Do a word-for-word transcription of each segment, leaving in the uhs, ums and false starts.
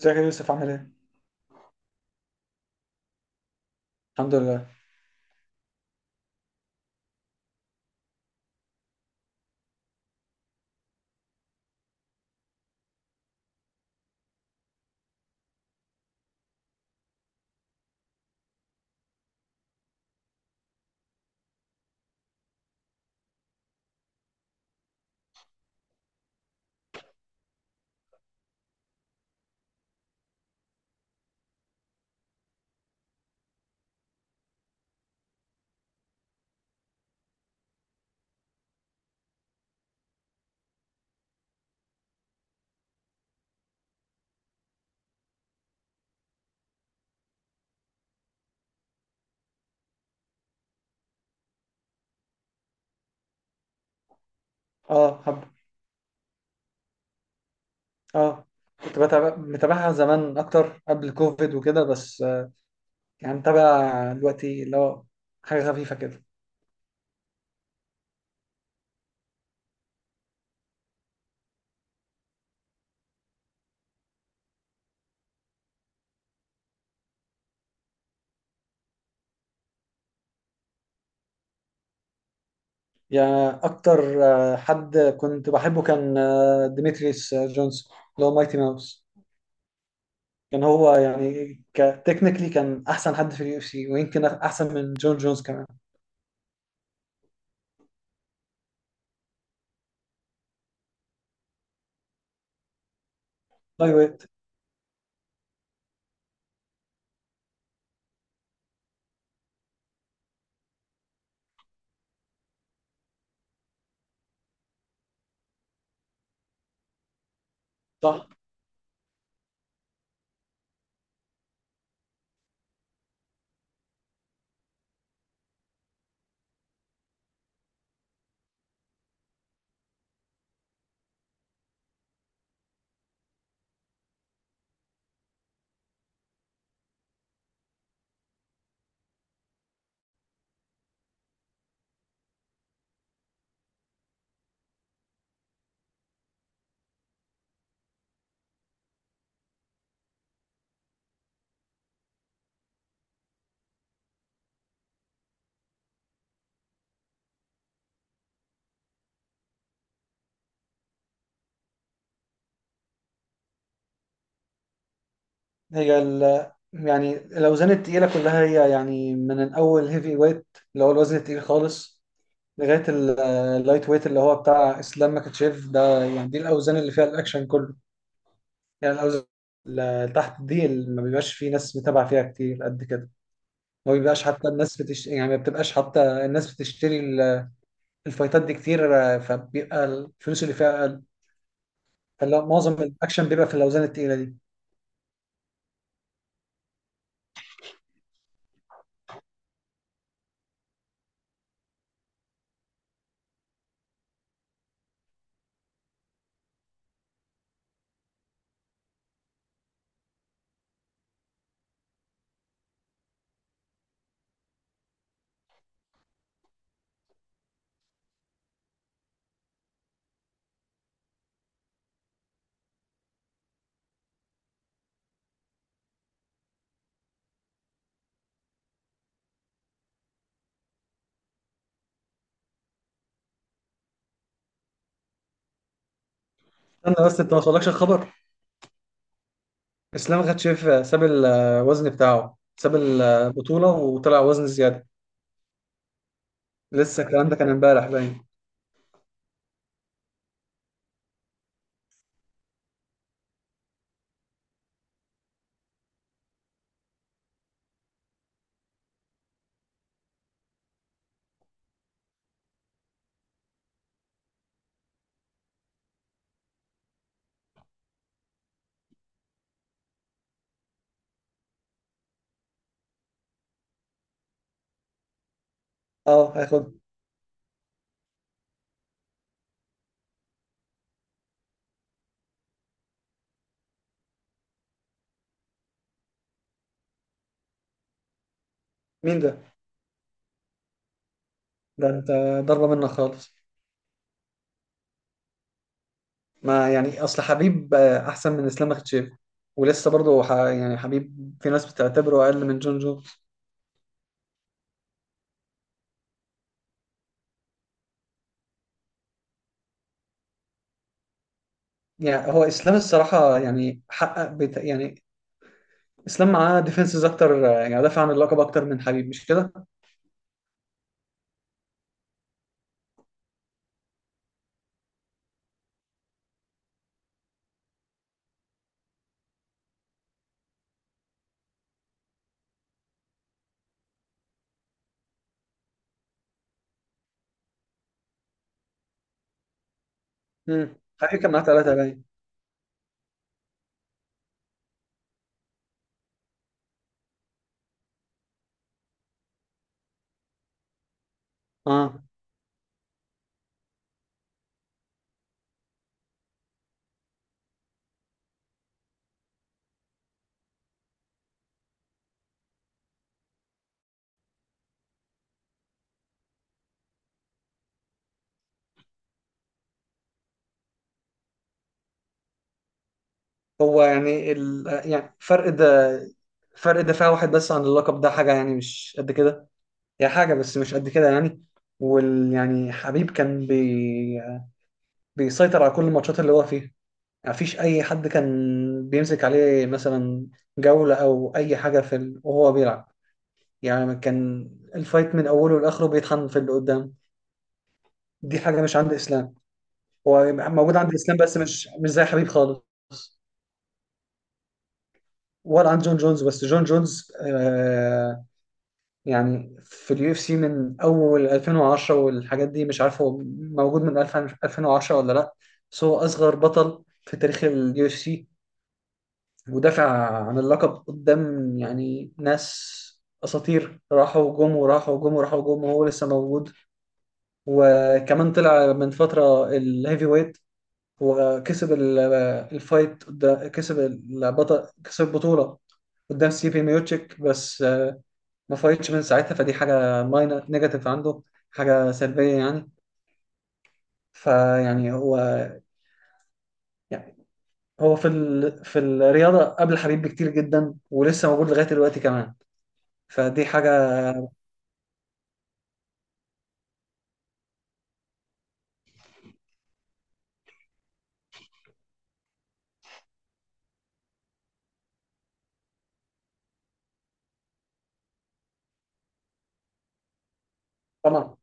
ازيك يا يوسف عامل ايه؟ الحمد لله. اه، حب. اه، كنت بتابع متابعها زمان اكتر قبل كوفيد وكده، بس آه، يعني متابع دلوقتي اللي هو حاجة خفيفة كده. يعني اكتر آه، حد كنت بحبه كان آه، ديمتريس آه، جونز، اللي هو مايتي ماوس. كان هو يعني كتكنيكلي كان احسن حد في اليو اف سي، ويمكن احسن من جون جونز كمان. لاي ويت. صح. هي ال يعني الاوزان التقيلة كلها، هي يعني من الاول هيفي ويت اللي هو الوزن التقيل خالص، لغايه ال- اللايت ويت اللي هو بتاع اسلام مكاتشيف ده. يعني دي الاوزان اللي فيها الاكشن كله. يعني الاوزان اللي تحت دي اللي ما بيبقاش في ناس متابعه فيها كتير قد كده. ما بيبقاش حتى الناس بتش... يعني ما بتبقاش حتى الناس بتشتري ال- الفايتات دي كتير، آه، فبيبقى الفلوس اللي فيها اقل. فلا، معظم الاكشن بيبقى في الاوزان التقيله دي. انا بس انت ما وصلكش الخبر. اسلام مكاتشيف ساب الوزن بتاعه، ساب البطوله وطلع وزن زياده. لسه الكلام ده كان امبارح باين. اه، هياخد. مين ده؟ ده انت ضربة منك خالص. ما يعني اصل حبيب آه، احسن من اسلام مختشيف، ولسه برضه ح... يعني حبيب في ناس بتعتبره اقل من جون جو. يعني هو اسلام الصراحة، يعني حقق بت... يعني اسلام معاه ديفنسز اكتر، آه، يعني دافع عن اللقب اكتر من حبيب، مش كده؟ امم، حبيب كان معاه ثلاثة باين. اه. هو يعني ال... يعني فرق ده، فرق دفاع واحد بس عن اللقب، ده حاجة يعني مش قد كده، هي حاجة بس مش قد كده يعني. وال يعني حبيب كان بي بيسيطر على كل الماتشات اللي هو فيها. ما فيش اي حد كان بيمسك عليه مثلا جولة او اي حاجة في ال... وهو بيلعب. يعني كان الفايت من اوله لاخره بيطحن في اللي قدام. دي حاجة مش عند اسلام. هو موجود عند اسلام، بس مش مش زي حبيب خالص ولا عند جون جونز. بس جون جونز آه يعني في اليو اف سي من اول ألفين وعشرة والحاجات دي، مش عارف هو موجود من ألفين ألفين وعشرة ولا لا، بس هو اصغر بطل في تاريخ اليو اف سي. ودافع عن اللقب قدام يعني ناس اساطير، راحوا جم وراحوا وجم وراحوا وجم، وهو لسه موجود. وكمان طلع من فتره الهيفي ويت وكسب ال- الفايت قدام- كسب البطل كسب البطوله قدام ستيفن ميوتشيك، بس ما فايتش من ساعتها، فدي حاجه ماينر نيجاتيف عنده، حاجه سلبيه يعني. فيعني هو يعني هو في ال... في الرياضه قبل حبيب بكتير جدا، ولسه موجود لغايه دلوقتي كمان، فدي حاجه طبعا.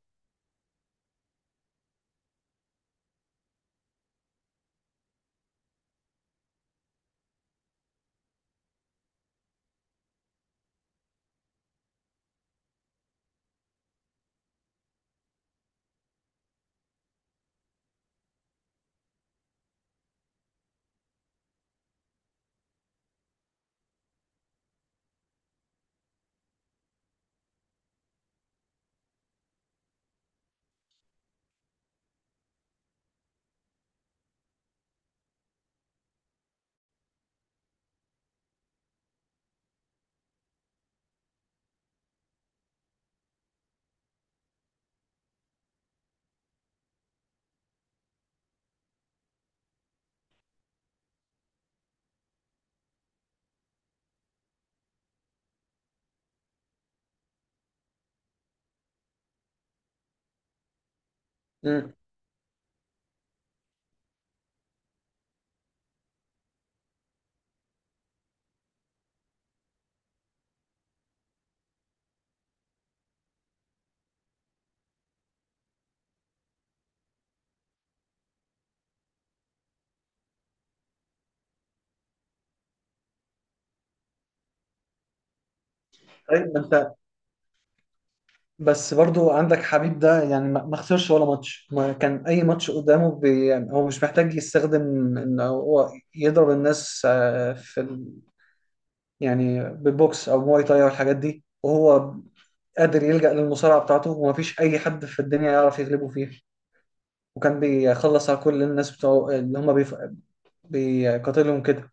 مم. طيب. ما انت بس برضو عندك حبيب ده، يعني ما ما خسرش ولا ماتش، ما كان اي ماتش قدامه بي يعني هو مش محتاج يستخدم ان هو يضرب الناس آه، في ال... يعني بالبوكس او مواي تاي او الحاجات دي، وهو قادر يلجأ للمصارعه بتاعته، وما فيش اي حد في الدنيا يعرف يغلبه فيها. وكان بيخلص على كل الناس بتوع اللي هم بيف... بيقاتلهم كده.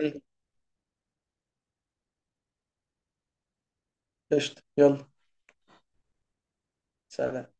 أيوة. قشطة، يلا. سلام.